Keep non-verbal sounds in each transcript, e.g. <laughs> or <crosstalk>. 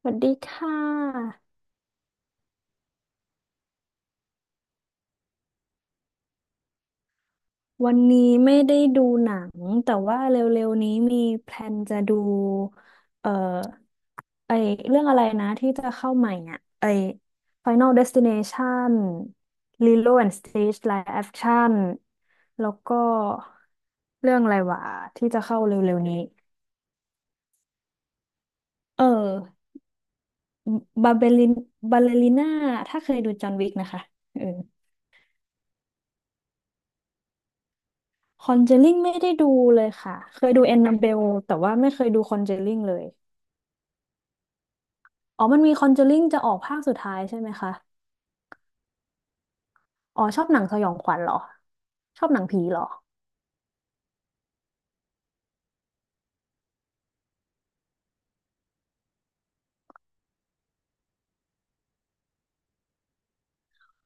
สวัสดีค่ะวันนี้ไม่ได้ดูหนังแต่ว่าเร็วๆนี้มีแพลนจะดูเอ่อไอเรื่องอะไรนะที่จะเข้าใหม่อ่ะไอ Final Destination Lilo and Stitch Live Action แล้วก็เรื่องอะไรวะที่จะเข้าเร็วๆนี้เออบาเบลินบาเลริน่าถ้าเคยดูจอห์นวิกนะคะเออคอนเจลิ่งไม่ได้ดูเลยค่ะเคยดูแอนนาเบลแต่ว่าไม่เคยดูคอนเจลิ่งเลย อ๋อมันมีคอนเจอริงจะออกภาคสุดท้ายใช่ไหมคะ อ๋อชอบหนังสยองขวัญเหรอ ชอบหนังผีเหรอ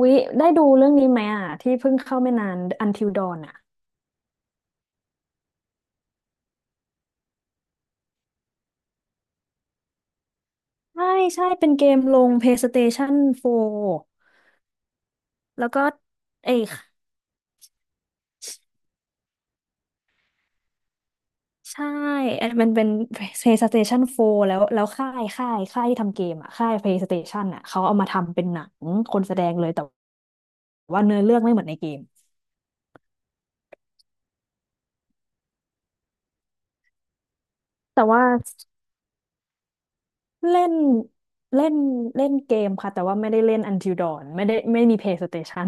วิได้ดูเรื่องนี้ไหมอ่ะที่เพิ่งเข้าไม่นาน Until Dawn อ่ะใช่ใช่เป็นเกมลง PlayStation 4แล้วก็ เอยใช่เอ้ยมันเป็น PlayStation 4แล้วค่ายที่ทำเกมอ่ะค่าย PlayStation อ่ะเขาเอามาทำเป็นหนังคนแสดงเลย แต่ว่าเนื้อเรื่องไม่เหมือนในเกมแต่ว่า เล่นเล่นเล่นเกมค่ะแต่ว่าไม่ได้เล่น Until Dawn ไม่ได้ไม่มี PlayStation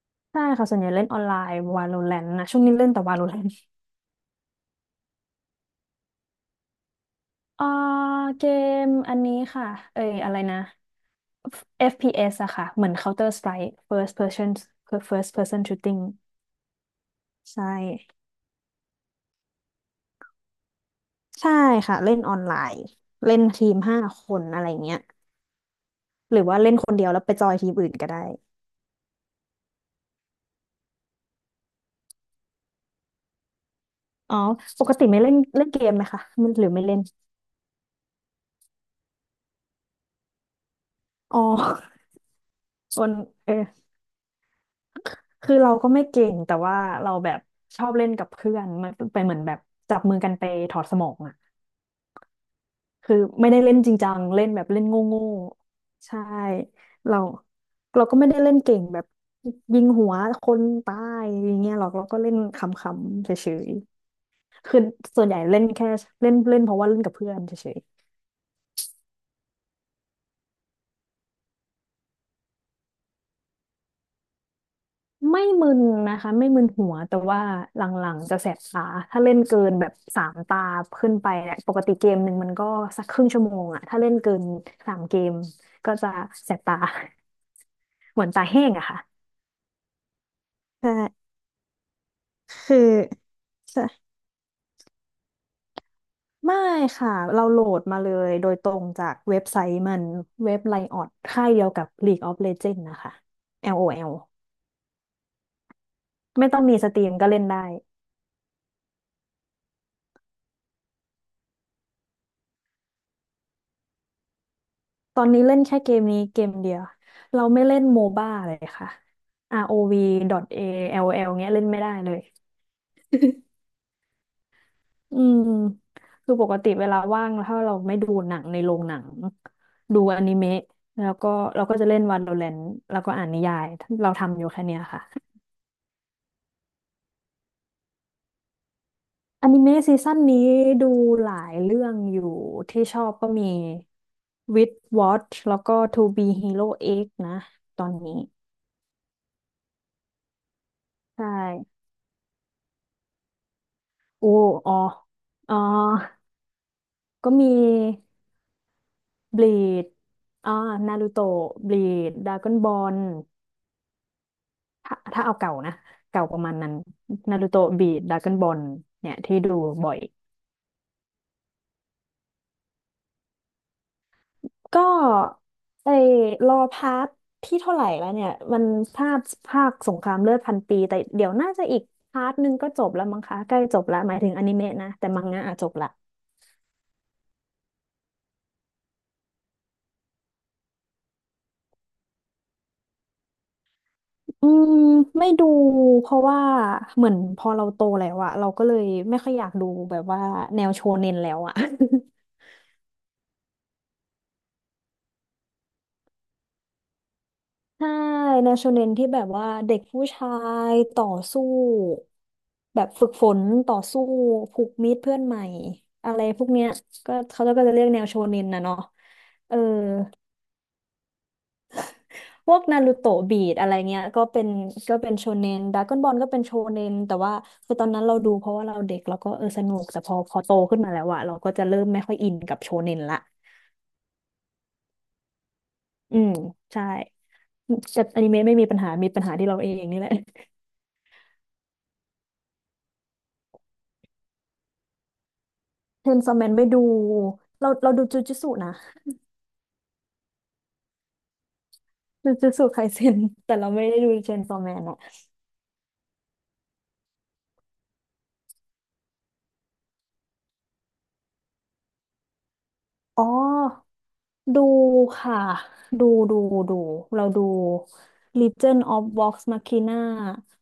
<laughs> ใช่ค่ะส่วนใหญ่เล่นออนไลน์ Valorant นะช่วงนี้เล่นแต่ Valorant เอ่อเกมอันนี้ค่ะเอ้ยอะไรนะ FPS อฟพีเอสอะค่ะเหมือน Counter Strike First Person First Person Shooting ใช่ใช่ค่ะเล่นออนไลน์เล่นทีม5 คนอะไรเงี้ยหรือว่าเล่นคนเดียวแล้วไปจอยทีมอื่นก็ได้อ๋อปกติไม่เล่นเล่นเกมไหมคะมันหรือไม่เล่นอ๋อ ส่วนเออคือเราก็ไม่เก่งแต่ว่าเราแบบชอบเล่นกับเพื่อนมันไปเหมือนแบบจับมือกันไปถอดสมองอ่ะคือไม่ได้เล่นจริงจังเล่นแบบเล่นโง่ๆใช่เราเราก็ไม่ได้เล่นเก่งแบบยิงหัวคนตายอย่างเงี้ยหรอกเราก็เล่นขำๆเฉยๆคือส่วนใหญ่เล่นแค่เล่นเล่นเพราะว่าเล่นกับเพื่อนเฉย ไม่มึนนะคะไม่มึนหัวแต่ว่าหลังๆจะแสบตาถ้าเล่นเกินแบบ3 ตาขึ้นไปเนี่ยปกติเกมหนึ่งมันก็สักครึ่งชั่วโมงอะถ้าเล่นเกิน3 เกมก็จะแสบตา <laughs> เหมือนตาแห้งอะค่ะใช่คือใช่ไม่ค่ะเราโหลดมาเลยโดยตรงจากเว็บไซต์มันเว็บไลออดค่ายเดียวกับ League of Legends นะคะ LOL ไม่ต้องมีสตรีมก็เล่นได้ ตอนนี้เล่นแค่เกมนี้เกมเดียวเราไม่เล่นโมบ้าเลยค่ะ ROV .A LL เงี้ยเล่นไม่ได้เลยอืมคือปกติเวลาว่างถ้าเราไม่ดูหนังในโรงหนังดูอนิเมะแล้วก็เราก็จะเล่น Valorant แล้วก็อ่านนิยายเราทำอยู่แค่เนี้ยค่ะอนิเมะซีซั่นนี้ดูหลายเรื่องอยู่ที่ชอบก็มี With Watch แล้วก็ To Be Hero X นะตอนนี้ใช่โอ้อ๋ออ๋อ ก็มีบลีดอ่านารูโตะบลีดดราก้อนบอลถ้าถ้าเอาเก่านะเก่าประมาณนั้นนารูโตะบลีดดราก้อนบอลเนี่ยที่ดูบ่อยก็ไอ้รอพาร์ทที่เท่าไหร่แล้วเนี่ยมันภาคภาคสงครามเลือดพันปีแต่เดี๋ยวน่าจะอีกพาร์ทหนึงก็จบแล้วมั้งคะใกล้จบแล้วหมายถึงอนิเมะนะแต่มังงะอะจบละ อืมไม่ดูเพราะว่าเหมือนพอเราโตแล้วอะเราก็เลยไม่ค่อยอยากดูแบบว่าแนวโชเน็นแล้วอะ <laughs> ใช่แนวโชเน็นที่แบบว่าเด็กผู้ชายต่อสู้แบบฝึกฝนต่อสู้ผูกมิตรเพื่อนใหม่อะไรพวกเนี้ยก็เขาก็จะเรียกแนวโชเน็นนะเนาะเออ พวกนารูโตะบีดอะไรเงี้ยก็เป็นก็เป็นโชเนนดราก้อนบอลก็เป็นโชเนนแต่ว่าคือตอนนั้นเราดูเพราะว่าเราเด็กเราก็เออสนุกแต่พอโตขึ้นมาแล้วอะเราก็จะเริ่มไม่ค่อยอินกับโชเนนละอืมใช่แต่อนิเมะไม่มีปัญหามีปัญหาที่เราเองนี่แหละเชนซอแมนไม่ดูเราดูจูจูตสุนะจูจูตสุไคเซ็นแต่เราไม่ได้ดูเชนซอแมนอะอ๋อ ดูค่ะดูดูดูเราดู Legion of Vox Machina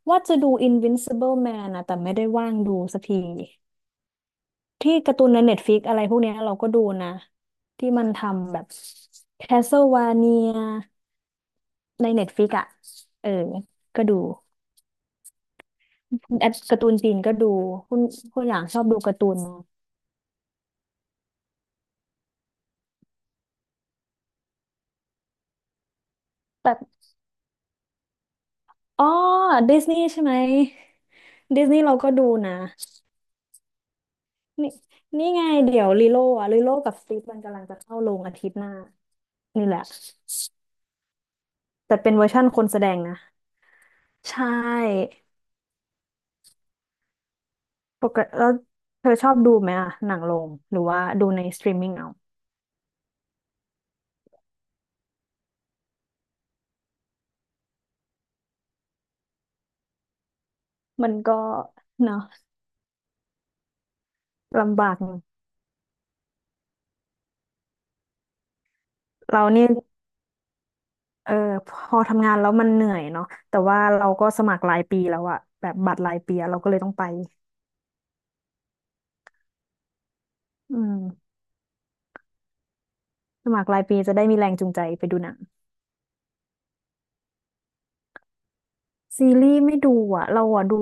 ว่าจะดู Invincible Man นะแต่ไม่ได้ว่างดูสักทีที่การ์ตูนใน Netflix อะไรพวกเนี้ยเราก็ดูนะที่มันทำแบบ Castlevania ใน Netflix อ่ะเออก็ดูแอดการ์ตูนจีนก็ดูคุณคุณอย่างชอบดูการ์ตูนแต่อ๋อดิสนีย์ใช่ไหมดิสนีย์เราก็ดูนะ นี่นี่ไง เดี๋ยวลิโลอะลิโลกับสติฟมันกำลังจะเข้าโรงอาทิตย์หน้า นี่แหละ แต่เป็นเวอร์ชั่นคนแสดงนะ ใช่ปกติแล้วเธอชอบดูไหมอะหนังโรง หรือว่าดูในสตรีมมิ่งเอามันก็ เนาะลำบากอยู่เราเนี่ยเออพอทำงานแล้วมันเหนื่อยเนาะแต่ว่าเราก็สมัครรายปีแล้วอะแบบบัตรรายปีอะเราก็เลยต้องไปอืมสมัครรายปีจะได้มีแรงจูงใจไปดูหนังซีรีส์ไม่ดูอะเราอะดู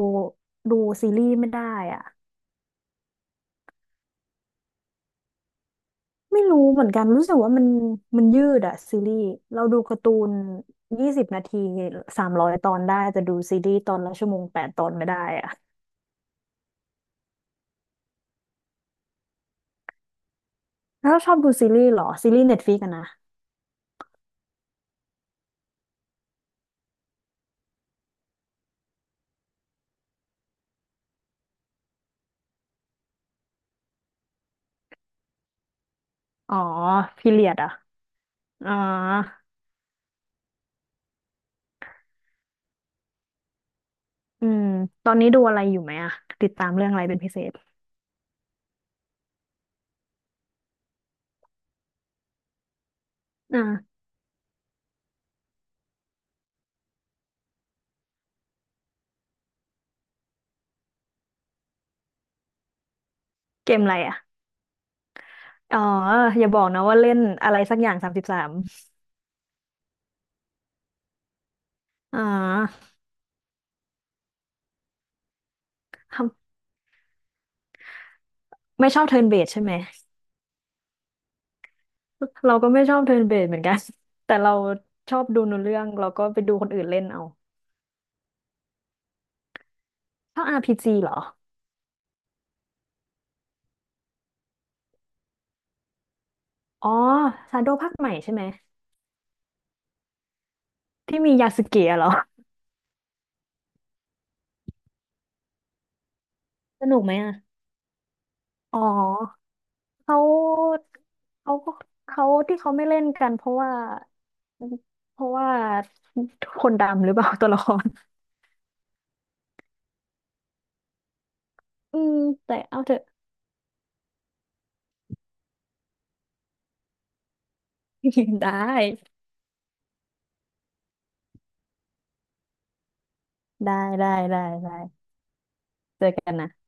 ดูซีรีส์ไม่ได้อะ ไม่รู้เหมือนกันรู้สึกว่ามันมันยืดอะซีรีส์เราดูการ์ตูน20 นาที300 ตอนได้แต่ดูซีรีส์ตอนละชั่วโมง8 ตอนไม่ได้อะแล้วชอบดูซีรีส์เหรอซีรีส์เน็ตฟลิกอะนะอ๋อพีเรียดอะอ๋ออืมตอนนี้ดูอะไรอยู่ไหมอะติดตามเรื่องอะไรเป็นพิเศษอ่าเกมอะไรอะอ๋ออย่าบอกนะว่าเล่นอะไรสักอย่าง33อ๋อทำไม่ชอบเทิร์นเบสใช่ไหม เราก็ไม่ชอบเทิร์นเบสเหมือนกัน <laughs> แต่เราชอบดูหนูเรื่องเราก็ไปดูคนอื่นเล่นเอาชอบ RPG เหรออ๋อซาโดภาคใหม่ใช่ไหมที่มียาสึเกะเหรอสนุกไหมอ่ะอ๋อเขาเขาก็เขาที่เขาไม่เล่นกันเพราะว่าเพราะว่าคนดำหรือเปล่า <laughs> ตัวละครอืมแต่เอาเถอะ <laughs> ได้ได้ได้ได้ได้เจอกันนะ